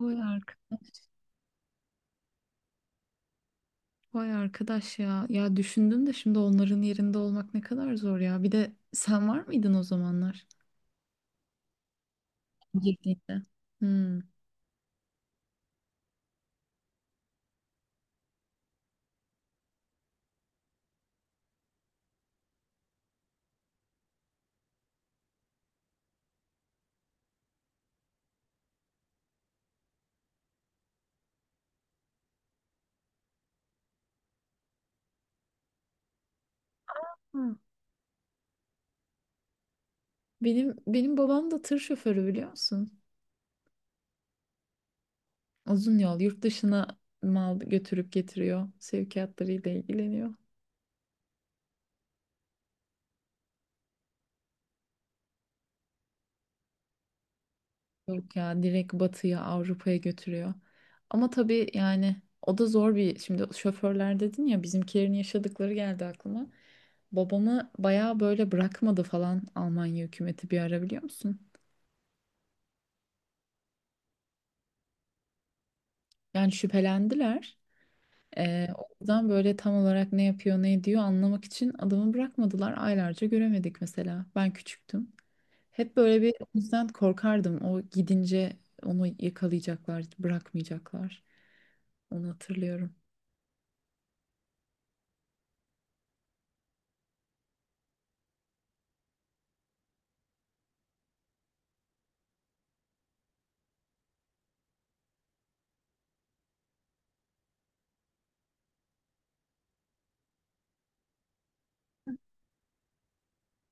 Vay arkadaş. Vay arkadaş ya. Ya düşündüm de şimdi onların yerinde olmak ne kadar zor ya. Bir de sen var mıydın o zamanlar? Girdiğinde. Hmm. Hı. Benim babam da tır şoförü biliyor musun? Uzun yol yurt dışına mal götürüp getiriyor. Sevkiyatlarıyla ilgileniyor. Yok ya direkt batıya Avrupa'ya götürüyor. Ama tabii yani o da zor bir şimdi şoförler dedin ya bizimkilerin yaşadıkları geldi aklıma. Babamı bayağı böyle bırakmadı falan Almanya hükümeti bir ara biliyor musun? Yani şüphelendiler. O yüzden böyle tam olarak ne yapıyor ne ediyor anlamak için adamı bırakmadılar. Aylarca göremedik mesela. Ben küçüktüm. Hep böyle bir o yüzden korkardım. O gidince onu yakalayacaklar, bırakmayacaklar. Onu hatırlıyorum.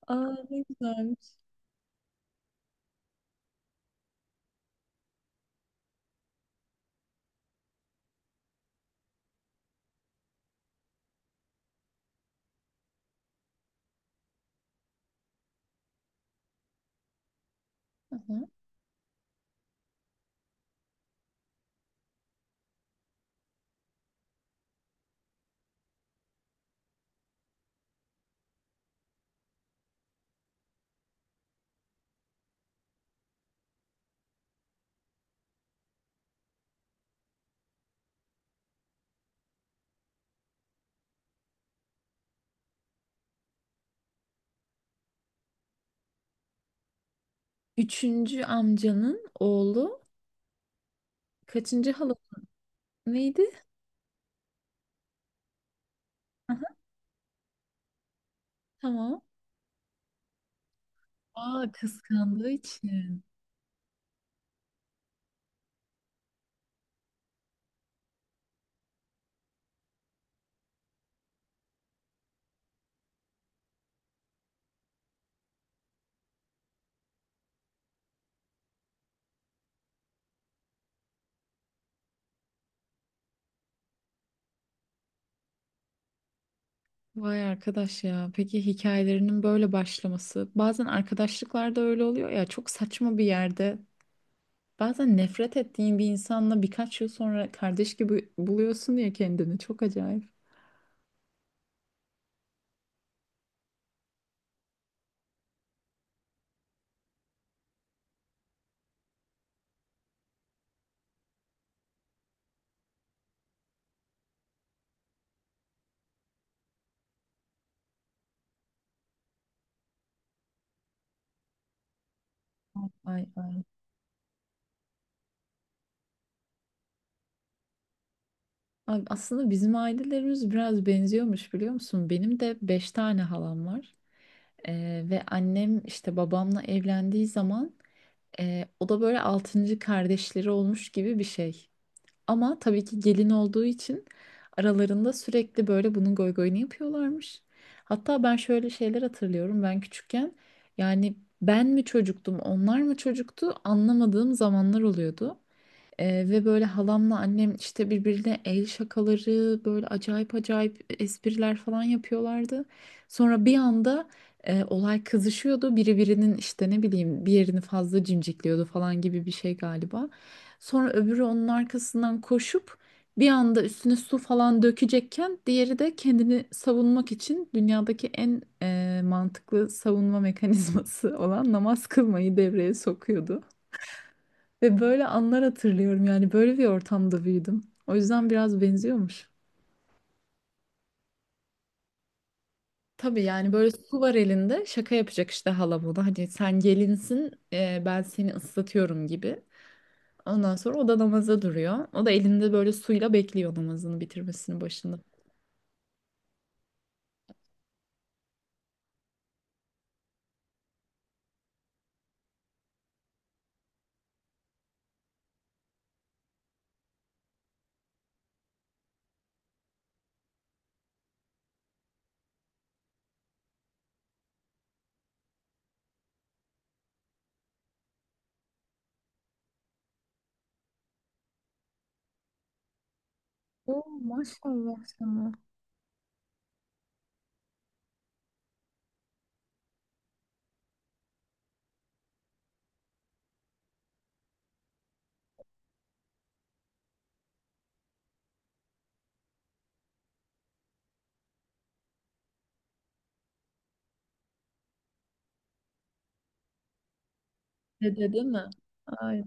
Aa, ne güzelmiş. Aha. Üçüncü amcanın oğlu kaçıncı halası neydi? Aha, tamam. Aa, kıskandığı için. Vay arkadaş ya. Peki hikayelerinin böyle başlaması. Bazen arkadaşlıklarda öyle oluyor ya. Çok saçma bir yerde. Bazen nefret ettiğin bir insanla birkaç yıl sonra kardeş gibi buluyorsun ya kendini. Çok acayip. Ay, ay. Ay. Ay, aslında bizim ailelerimiz biraz benziyormuş biliyor musun? Benim de beş tane halam var. Ve annem işte babamla evlendiği zaman o da böyle altıncı kardeşleri olmuş gibi bir şey. Ama tabii ki gelin olduğu için aralarında sürekli böyle bunun goygoyunu yapıyorlarmış. Hatta ben şöyle şeyler hatırlıyorum ben küçükken. Yani ben mi çocuktum onlar mı çocuktu anlamadığım zamanlar oluyordu. Ve böyle halamla annem işte birbirine el şakaları böyle acayip acayip espriler falan yapıyorlardı. Sonra bir anda olay kızışıyordu. Biri birinin işte ne bileyim bir yerini fazla cimcikliyordu falan gibi bir şey galiba. Sonra öbürü onun arkasından koşup bir anda üstüne su falan dökecekken diğeri de kendini savunmak için dünyadaki en mantıklı savunma mekanizması olan namaz kılmayı devreye sokuyordu. Ve böyle anlar hatırlıyorum yani böyle bir ortamda büyüdüm. O yüzden biraz benziyormuş. Tabii yani böyle su var elinde şaka yapacak işte hala buna. Hani sen gelinsin, ben seni ıslatıyorum gibi. Ondan sonra o da namaza duruyor. O da elinde böyle suyla bekliyor namazını bitirmesinin başında. Oo, maşallah sana. Dede değil mi? Ay,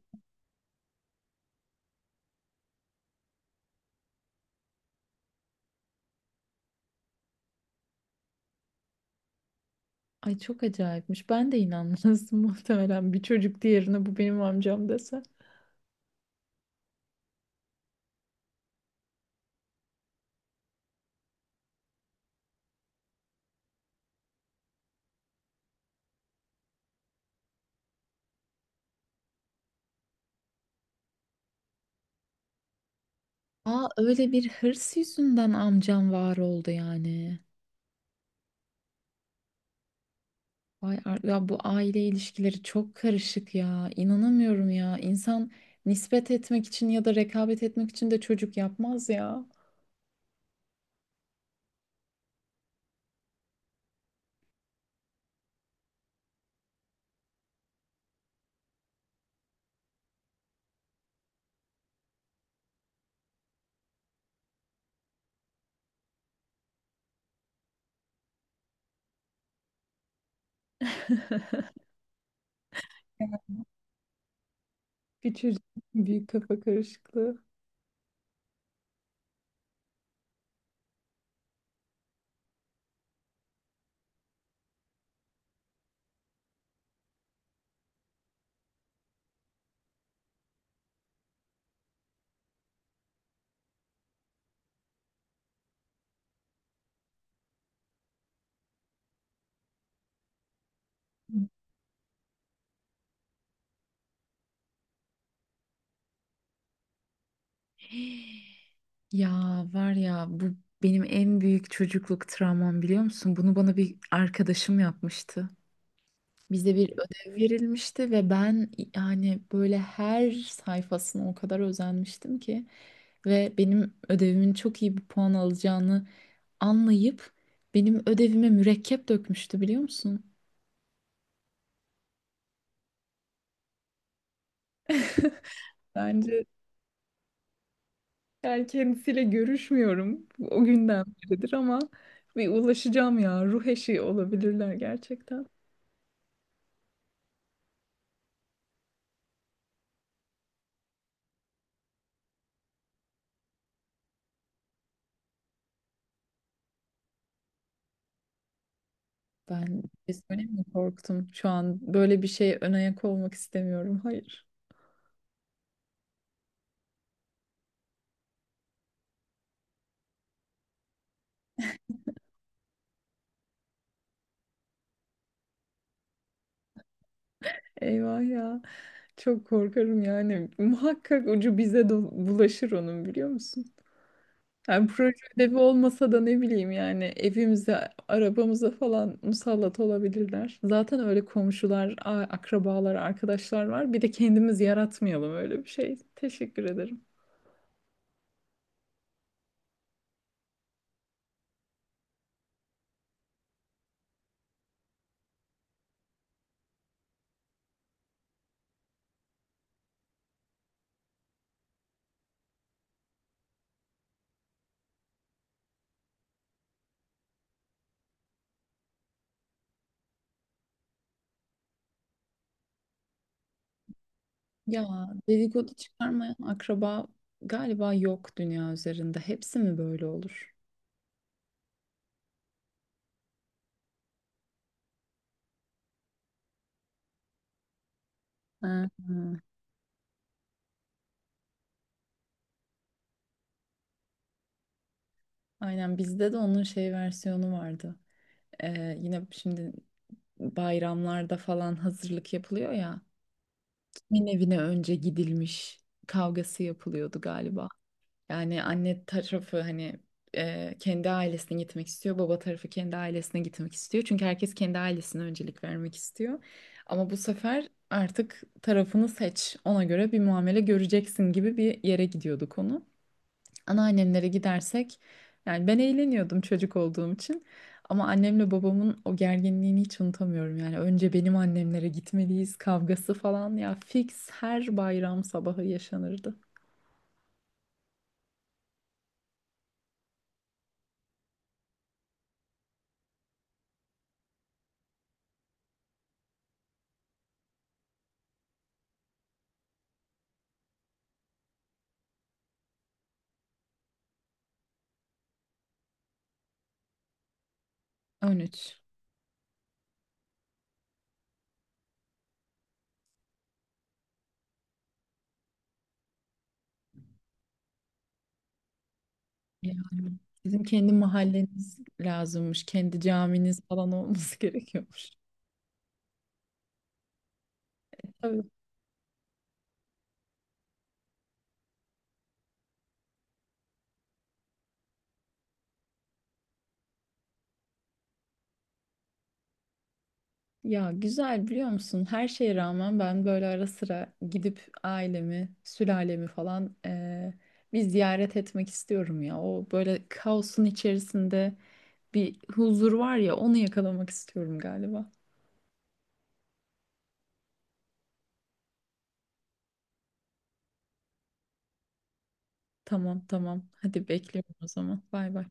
ay çok acayipmiş. Ben de inanmazdım muhtemelen bir çocuk diğerine bu benim amcam dese. Aa, öyle bir hırs yüzünden amcam var oldu yani. Ya bu aile ilişkileri çok karışık ya. İnanamıyorum ya. İnsan nispet etmek için ya da rekabet etmek için de çocuk yapmaz ya. Bir çocuk büyük kafa karışıklığı. Ya var ya bu benim en büyük çocukluk travmam biliyor musun? Bunu bana bir arkadaşım yapmıştı. Bize bir ödev verilmişti ve ben yani böyle her sayfasına o kadar özenmiştim ki ve benim ödevimin çok iyi bir puan alacağını anlayıp benim ödevime mürekkep dökmüştü biliyor musun? Bence yani kendisiyle görüşmüyorum o günden beridir ama bir ulaşacağım ya. Ruh eşi olabilirler gerçekten. Ben biz öyle mi korktum? Şu an böyle bir şey ön ayak olmak istemiyorum. Hayır. Eyvah ya. Çok korkarım yani. Muhakkak ucu bize de bulaşır onun biliyor musun? Yani proje ödevi olmasa da ne bileyim yani evimize, arabamıza falan musallat olabilirler. Zaten öyle komşular, akrabalar, arkadaşlar var. Bir de kendimiz yaratmayalım öyle bir şey. Teşekkür ederim. Ya dedikodu çıkarmayan akraba galiba yok dünya üzerinde. Hepsi mi böyle olur? Ha, ha. Aynen bizde de onun şey versiyonu vardı. Yine şimdi bayramlarda falan hazırlık yapılıyor ya. Kimin evine önce gidilmiş kavgası yapılıyordu galiba. Yani anne tarafı hani kendi ailesine gitmek istiyor. Baba tarafı kendi ailesine gitmek istiyor. Çünkü herkes kendi ailesine öncelik vermek istiyor. Ama bu sefer artık tarafını seç. Ona göre bir muamele göreceksin gibi bir yere gidiyordu konu, anneannemlere gidersek yani ben eğleniyordum çocuk olduğum için ama annemle babamın o gerginliğini hiç unutamıyorum yani önce benim annemlere gitmeliyiz kavgası falan ya fix her bayram sabahı yaşanırdı. 13. Ya bizim kendi mahalleniz lazımmış, kendi caminiz falan olması gerekiyor. Tabii. Ya güzel biliyor musun? Her şeye rağmen ben böyle ara sıra gidip ailemi, sülalemi falan bir ziyaret etmek istiyorum ya. O böyle kaosun içerisinde bir huzur var ya onu yakalamak istiyorum galiba. Tamam tamam. Hadi bekliyorum o zaman. Bay bay.